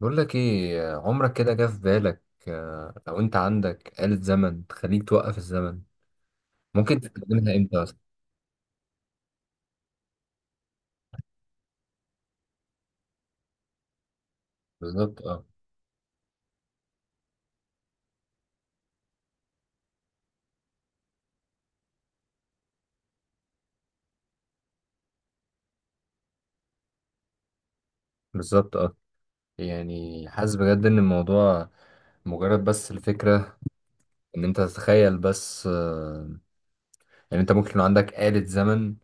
بقول لك ايه، عمرك كده جه في بالك لو انت عندك آلة زمن تخليك توقف الزمن ممكن تستخدمها امتى اصلا؟ بالظبط اه. بالظبط اه. يعني حاسس بجد ان الموضوع، مجرد بس الفكرة ان انت تتخيل بس، ان انت ممكن يكون عندك آلة زمن.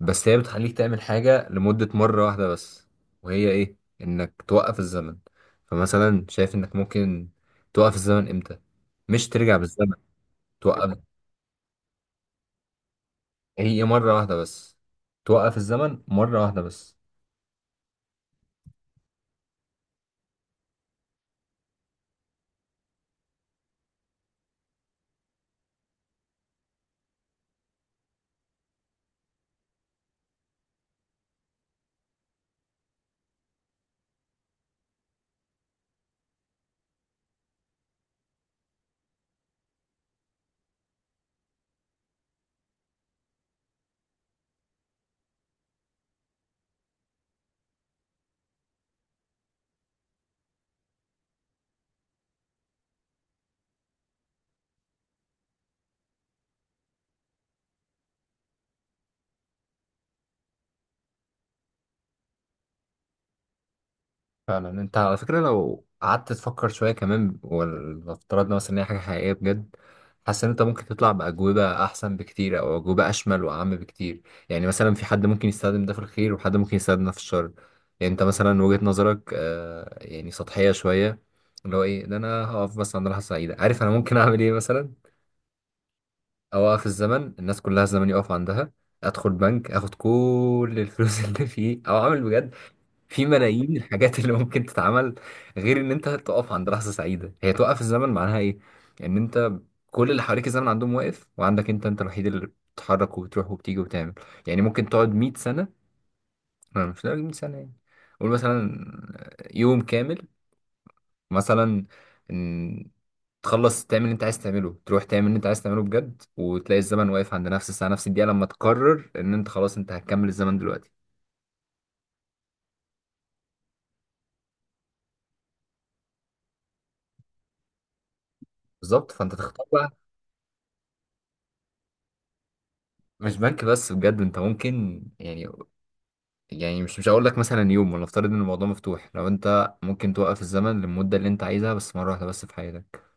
بس هي بتخليك تعمل حاجة لمدة مرة واحدة بس، وهي ايه؟ انك توقف الزمن. فمثلا شايف انك ممكن توقف الزمن امتى؟ مش ترجع بالزمن، توقف. هي مرة واحدة بس، توقف الزمن مرة واحدة بس. فعلا انت على فكرة، لو قعدت تفكر شوية كمان وافترضنا مثلا ان هي حاجة حقيقية بجد، حاسس ان انت ممكن تطلع بأجوبة أحسن بكتير، أو أجوبة أشمل وأعم بكتير. يعني مثلا في حد ممكن يستخدم ده في الخير، وحد ممكن يستخدم ده في الشر. يعني انت مثلا وجهة نظرك آه يعني سطحية شوية، اللي هو ايه؟ ده انا هقف بس عند لحظة سعيدة. عارف انا ممكن اعمل ايه مثلا؟ اوقف الزمن، الناس كلها الزمن يقف عندها، ادخل بنك، اخد كل الفلوس اللي فيه، او اعمل بجد في ملايين الحاجات اللي ممكن تتعمل، غير ان انت تقف عند لحظة سعيدة. هي توقف الزمن معناها ايه؟ ان انت كل اللي حواليك الزمن عندهم واقف، وعندك انت، انت الوحيد اللي بتتحرك وبتروح وبتيجي وتعمل. يعني ممكن تقعد 100 سنة، أنا مش لازم 100 سنة يعني، قول مثلا يوم كامل مثلا، تخلص تعمل اللي انت عايز تعمله، تروح تعمل اللي انت عايز تعمله بجد، وتلاقي الزمن واقف عند نفس الساعة نفس الدقيقة، لما تقرر ان انت خلاص انت هتكمل الزمن دلوقتي. بالظبط، فانت تختار بقى. مش بنك بس بجد، انت ممكن يعني، يعني مش هقول لك مثلا يوم، ولا افترض ان الموضوع مفتوح، لو انت ممكن توقف الزمن للمدة اللي انت عايزها، بس مرة واحدة بس في حياتك.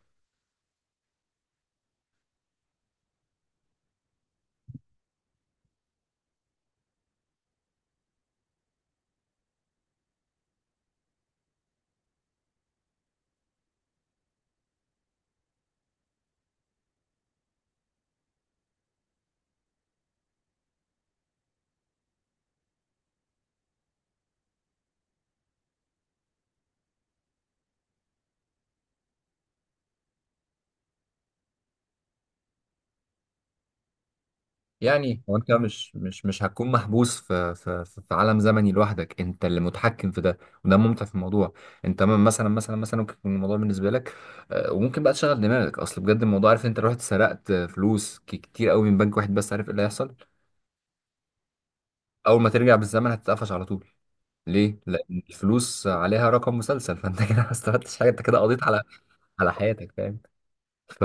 يعني هو انت مش هتكون محبوس في عالم زمني لوحدك، انت اللي متحكم في ده، وده الممتع في الموضوع. انت مثلا ممكن يكون الموضوع بالنسبه لك، وممكن بقى تشغل دماغك. اصل بجد الموضوع، عارف انت لو رحت سرقت فلوس كتير قوي من بنك واحد بس، عارف ايه اللي هيحصل؟ اول ما ترجع بالزمن هتتقفش على طول. ليه؟ لان الفلوس عليها رقم مسلسل، فانت كده ما استفدتش حاجه، انت كده قضيت على على حياتك، فاهم؟ ف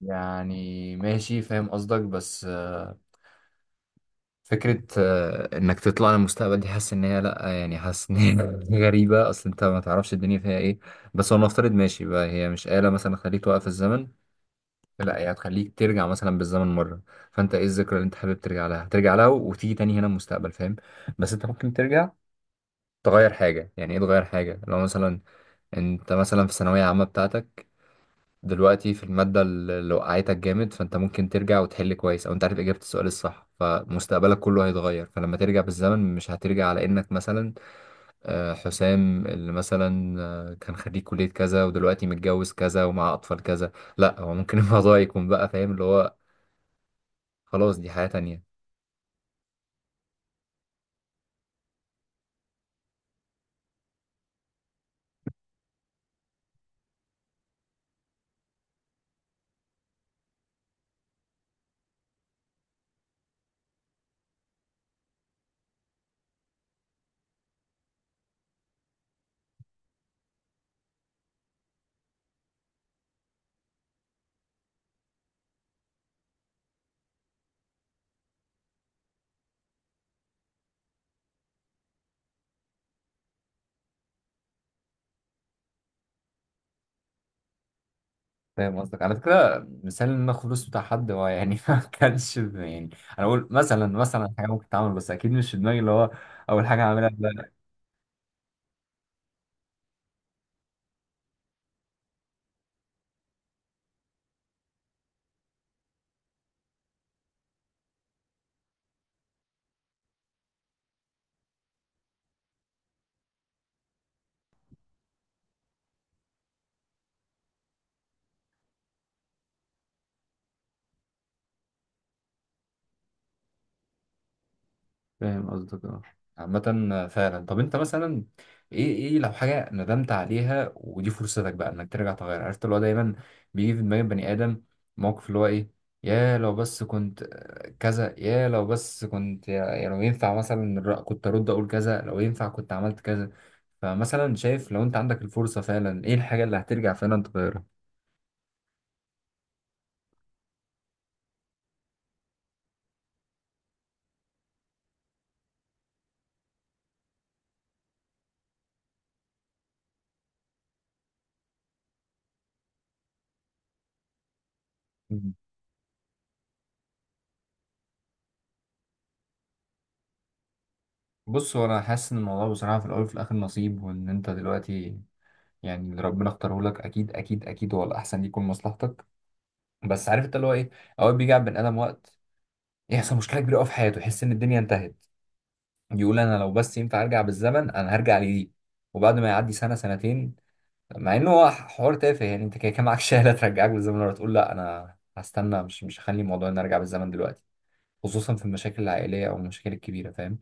يعني ماشي فاهم قصدك. بس فكرة إنك تطلع للمستقبل، دي حاسس إن هي لأ، يعني حاسس إن هي غريبة، أصل أنت ما تعرفش الدنيا فيها إيه. بس هو نفترض ماشي بقى، هي مش آلة مثلا تخليك توقف الزمن، لأ، هي هتخليك ترجع مثلا بالزمن مرة. فأنت إيه الذكرى اللي أنت حابب ترجع لها؟ هترجع لها وتيجي تاني هنا المستقبل، فاهم؟ بس أنت ممكن ترجع تغير حاجة. يعني إيه تغير حاجة؟ لو مثلا أنت مثلا في الثانوية العامة بتاعتك دلوقتي، في المادة اللي لو وقعتك جامد، فانت ممكن ترجع وتحل كويس، او انت عارف اجابة السؤال الصح، فمستقبلك كله هيتغير. فلما ترجع بالزمن مش هترجع على انك مثلا حسام اللي مثلا كان خريج كلية كذا، ودلوقتي متجوز كذا، ومع اطفال كذا. لا، هو ممكن الموضوع يكون بقى، فاهم؟ اللي هو خلاص دي حياة تانية. فاهم قصدك. على فكرة مثال إن أنا آخد فلوس بتاع حد، هو يعني ما كانش يعني، أنا بقول مثلا حاجة ممكن تتعمل، بس أكيد مش في دماغي اللي هو أول حاجة هعملها. فاهم قصدك، اه. عامة فعلا، طب انت مثلا ايه، ايه لو حاجة ندمت عليها، ودي فرصتك بقى انك ترجع تغير؟ عرفت اللي هو دايما بيجي في دماغ البني ادم موقف اللي هو ايه؟ يا لو بس كنت كذا، يا لو بس كنت، يا لو ينفع مثلا كنت ارد اقول كذا، لو ينفع كنت عملت كذا. فمثلا شايف لو انت عندك الفرصة فعلا، ايه الحاجة اللي هترجع فعلا تغيرها؟ مم. بص هو انا حاسس ان الموضوع بصراحة في الاول وفي الاخر نصيب، وان انت دلوقتي يعني اللي ربنا اختاره لك اكيد اكيد اكيد هو الاحسن، يكون مصلحتك. بس عارف انت اللي هو ايه، اوقات بيجي على البني ادم وقت يحصل مشكله كبيره قوي في حياته، يحس ان الدنيا انتهت، يقول انا لو بس ينفع ارجع بالزمن انا هرجع لدي. وبعد ما يعدي سنه سنتين، مع انه هو حوار تافه. يعني انت كده كان معاك شهاده ترجعك بالزمن، ولا تقول لا انا هستنى، مش هخلي الموضوع ان ارجع بالزمن دلوقتي. خصوصا في المشاكل العائليه او المشاكل الكبيره، فاهم؟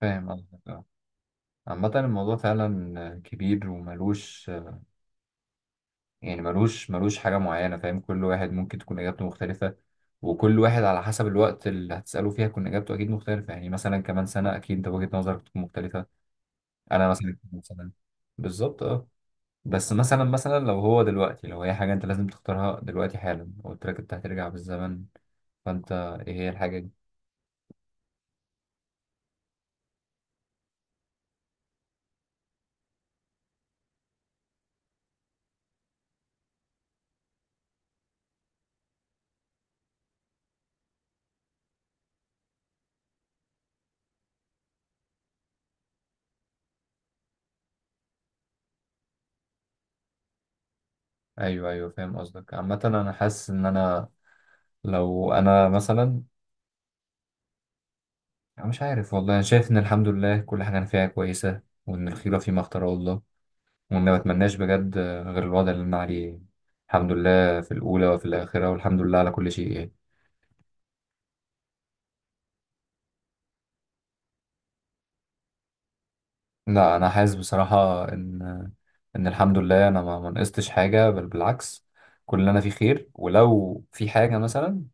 فاهم قصدك، اه. عامة الموضوع فعلا كبير وملوش، يعني ملوش حاجة معينة، فاهم؟ كل واحد ممكن تكون إجابته مختلفة، وكل واحد على حسب الوقت اللي هتسأله فيها تكون إجابته أكيد مختلفة. يعني مثلا كمان سنة أكيد أنت وجهة نظرك تكون مختلفة، أنا مثلا كمان سنة. بالظبط أه. بس مثلا لو هو دلوقتي، لو هي حاجة أنت لازم تختارها دلوقتي حالا، قلت لك أنت هترجع بالزمن، فأنت إيه هي الحاجة دي؟ أيوه أيوه، فاهم قصدك. عامة أنا حاسس إن أنا لو أنا مثلا، أنا مش عارف والله. أنا شايف إن الحمد لله كل حاجة أنا فيها كويسة، وإن الخيرة فيما اختاره الله، وما بتمناش بجد غير الوضع اللي أنا عليه. الحمد لله في الأولى وفي الآخرة، والحمد لله على كل شيء يعني. لا أنا حاسس بصراحة إن إن الحمد لله أنا ما نقصتش حاجة، بل بالعكس، كل اللي أنا فيه خير. ولو في حاجة مثلا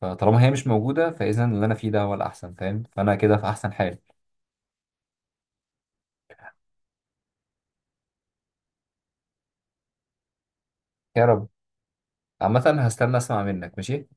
فطالما هي مش موجودة، فإذا اللي أنا فيه ده هو الأحسن، فاهم؟ فأنا كده في أحسن حال. يا رب. عامة هستنى أسمع منك، ماشي.